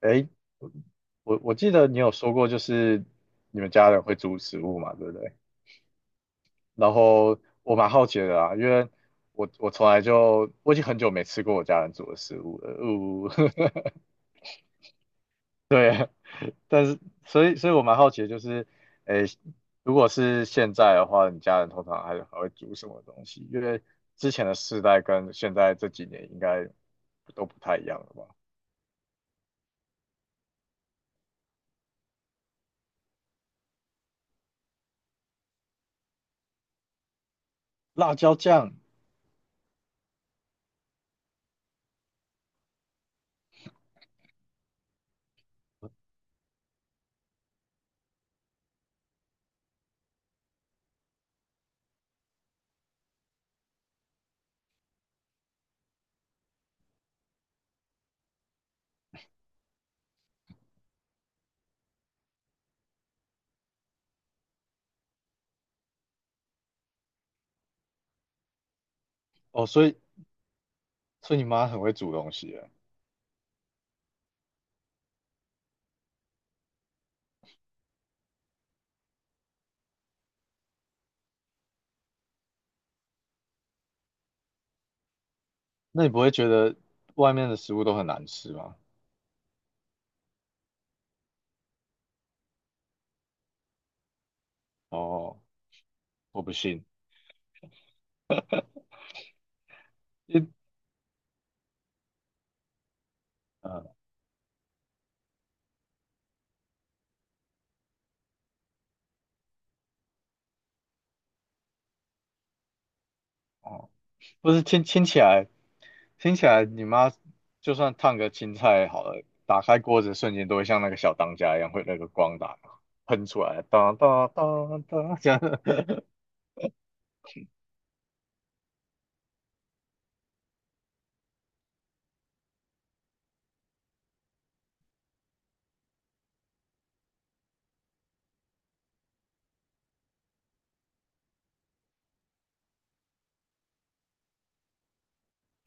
哎，我记得你有说过，就是你们家人会煮食物嘛，对不对？然后我蛮好奇的啊，因为我我从来就我已经很久没吃过我家人煮的食物了，呜、对啊，但是所以我蛮好奇的，就是诶，如果是现在的话，你家人通常还会煮什么东西？因为之前的世代跟现在这几年应该都不太一样了吧？辣椒酱哦，所以你妈很会煮东西耶那你不会觉得外面的食物都很难吃吗？哦，我不信，一嗯，呃哦，不是听起来，听起来你妈就算烫个青菜好了，打开锅子瞬间都会像那个小当家一样，会那个光打喷出来，当当当当这样。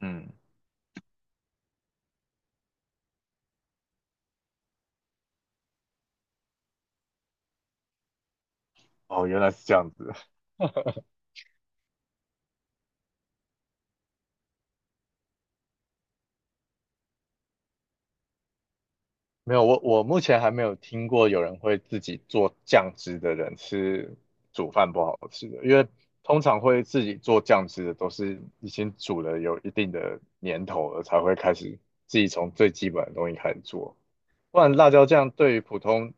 嗯，哦，原来是这样子。没有，我目前还没有听过有人会自己做酱汁的人是煮饭不好吃的，因为通常会自己做酱汁的都是已经煮了有一定的年头了，才会开始自己从最基本的东西开始做。不然辣椒酱对于普通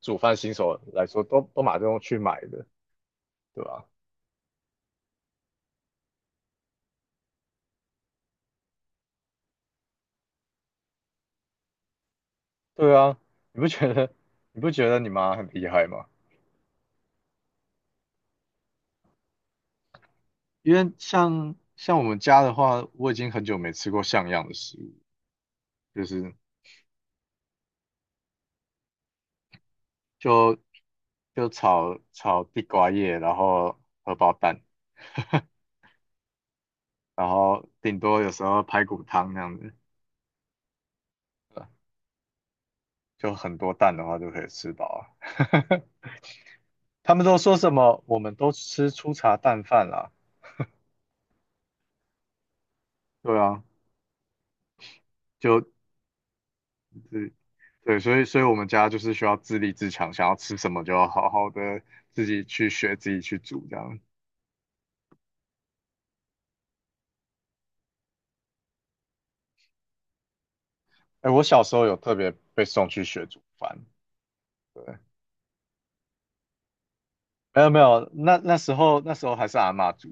煮饭新手来说，都马上去买的，对吧？对啊，你不觉得你不觉得你妈很厉害吗？因为像我们家的话，我已经很久没吃过像样的食物，就是就就炒炒地瓜叶，然后荷包蛋，然后顶多有时候排骨汤那样子，就很多蛋的话就可以吃饱了。他们都说什么？我们都吃粗茶淡饭啦。对啊，就对对，所以我们家就是需要自立自强，想要吃什么就要好好的自己去学，自己去煮这样。哎，我小时候有特别被送去学煮饭。对。没有没有，那时候还是阿嬷煮，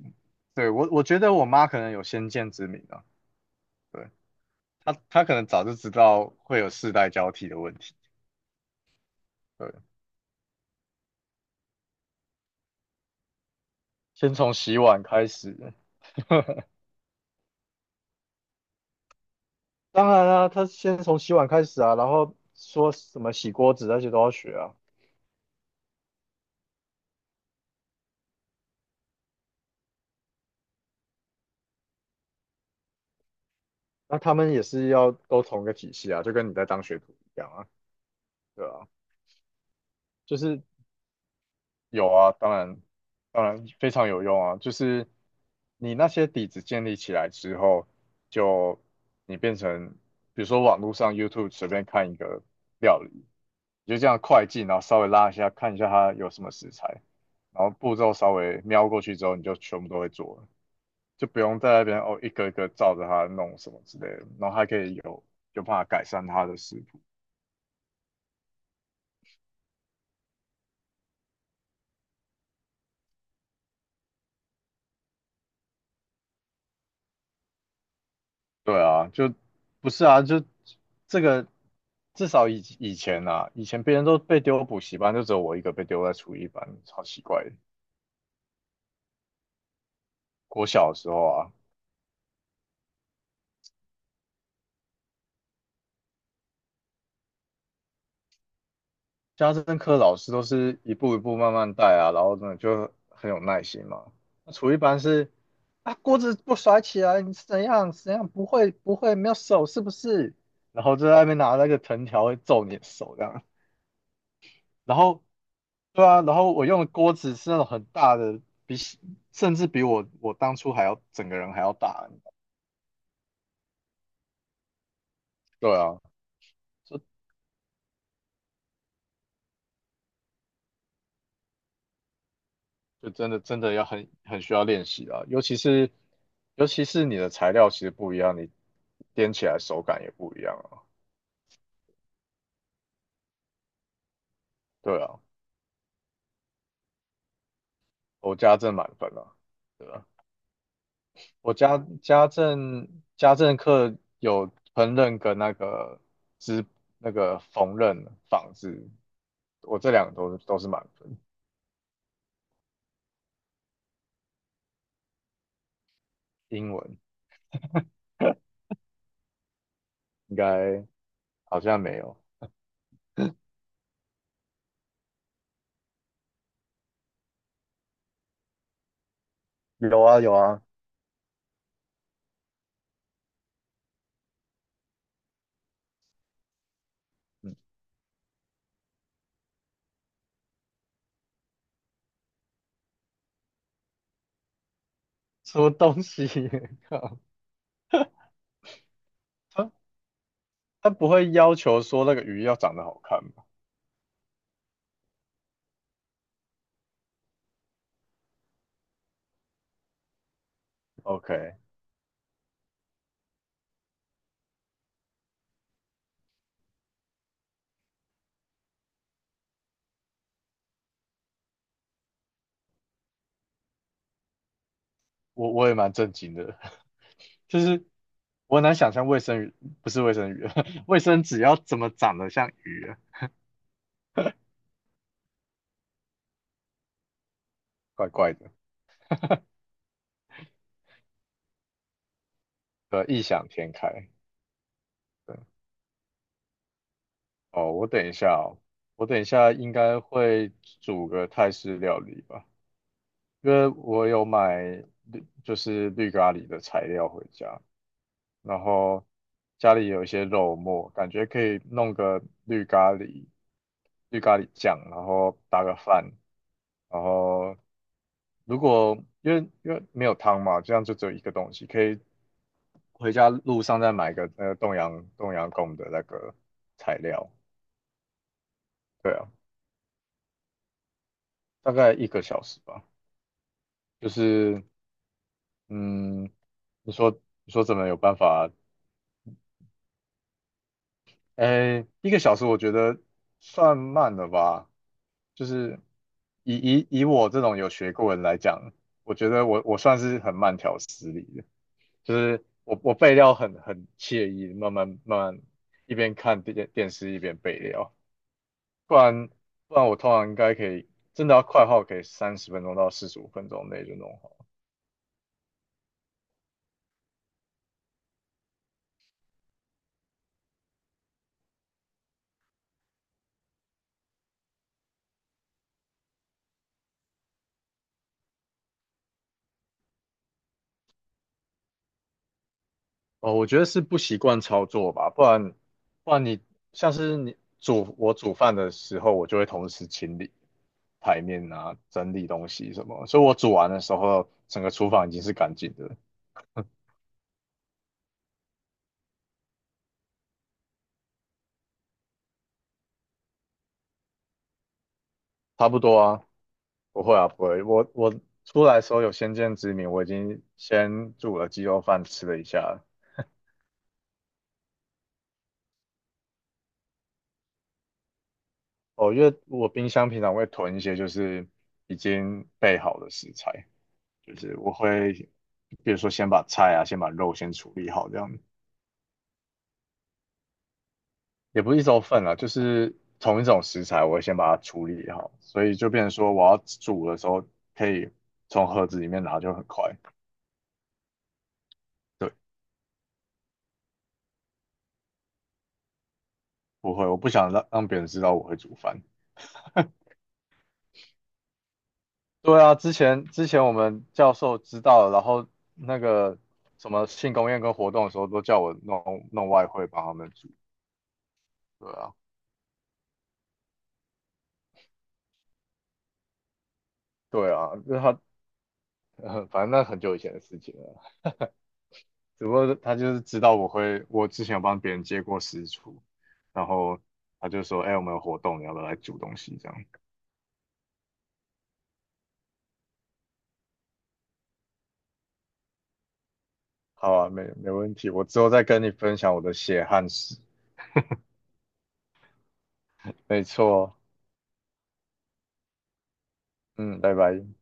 对我觉得我妈可能有先见之明啊，对她可能早就知道会有世代交替的问题，对，先从洗碗开始，当然啦、她先从洗碗开始啊，然后说什么洗锅子那些都要学啊。那他们也是要都同一个体系啊，就跟你在当学徒一样啊，对啊，就是有啊，当然，当然非常有用啊。就是你那些底子建立起来之后，就你变成，比如说网络上 YouTube 随便看一个料理，你就这样快进，然后稍微拉一下，看一下它有什么食材，然后步骤稍微瞄过去之后，你就全部都会做了，就不用在那边哦一个一个照着它弄什么之类的，然后还可以有办法改善它的食对啊，就不是啊，就这个至少以前啊，以前别人都被丢补习班，就只有我一个被丢在厨艺班，超奇怪的。国小的时候啊，家政课老师都是一步一步慢慢带啊，然后呢就很有耐心嘛。那厨艺班是啊，锅子不甩起来，你是怎样怎样不会不会没有手是不是？然后就在外面拿那个藤条会揍你的手这样。然后对啊，然后我用的锅子是那种很大的，比甚至比我当初还要整个人还要大。对啊，这就真的真的要很需要练习啊，尤其是你的材料其实不一样，你颠起来手感也不一样啊。对啊，我家政满分啊，对啊，我家家政家政课有烹饪跟那个织那个缝纫纺织，我这两个都是满分。英文应该好像没有有啊有啊，什么东西，靠，他他不会要求说那个鱼要长得好看吧？OK，我也蛮震惊的，就是我很难想象卫生鱼不是卫生鱼，卫生纸要怎么长得像鱼啊怪怪的，对啊，异想天开。对，哦，我等一下哦，我等一下应该会煮个泰式料理吧，因为我有买绿就是绿咖喱的材料回家，然后家里有一些肉末，感觉可以弄个绿咖喱、绿咖喱酱，然后搭个饭，然后如果因为没有汤嘛，这样就只有一个东西，可以回家路上再买个那个冻阳贡的那个材料，对啊，大概一个小时吧，就是嗯，你说你说怎么有办法哎，一个小时我觉得算慢了吧，就是以我这种有学过的人来讲，我觉得我算是很慢条斯理的，就是我备料很惬意，慢慢慢慢一边看电视一边备料，不然不然我通常应该可以，真的要快的话，我可以30分钟到45分钟内就弄好。哦，我觉得是不习惯操作吧，不然你像是我煮饭的时候，我就会同时清理台面啊，整理东西什么，所以我煮完的时候，整个厨房已经是干净的，差不多啊，不会啊，不会，我我出来的时候有先见之明，我已经先煮了鸡肉饭吃了一下了哦，因为我冰箱平常会囤一些就是已经备好的食材，就是我会比如说先把菜啊，先把肉先处理好这样。也不是一周份了，就是同一种食材，我会先把它处理好，所以就变成说我要煮的时候可以从盒子里面拿就很快。对，不会，我不想让别人知道我会煮饭。对啊，之前我们教授知道了然后那个什么庆功宴跟活动的时候都叫我弄弄外汇帮他们煮。对啊，对啊，就是他，反正那很久以前的事情了。只不过他就是知道我会，我之前有帮别人接过私厨，然后他就说：“哎、我们有活动，你要不要来煮东西？”这样。好啊，没问题，我之后再跟你分享我的血汗史。没错哦，嗯，拜拜。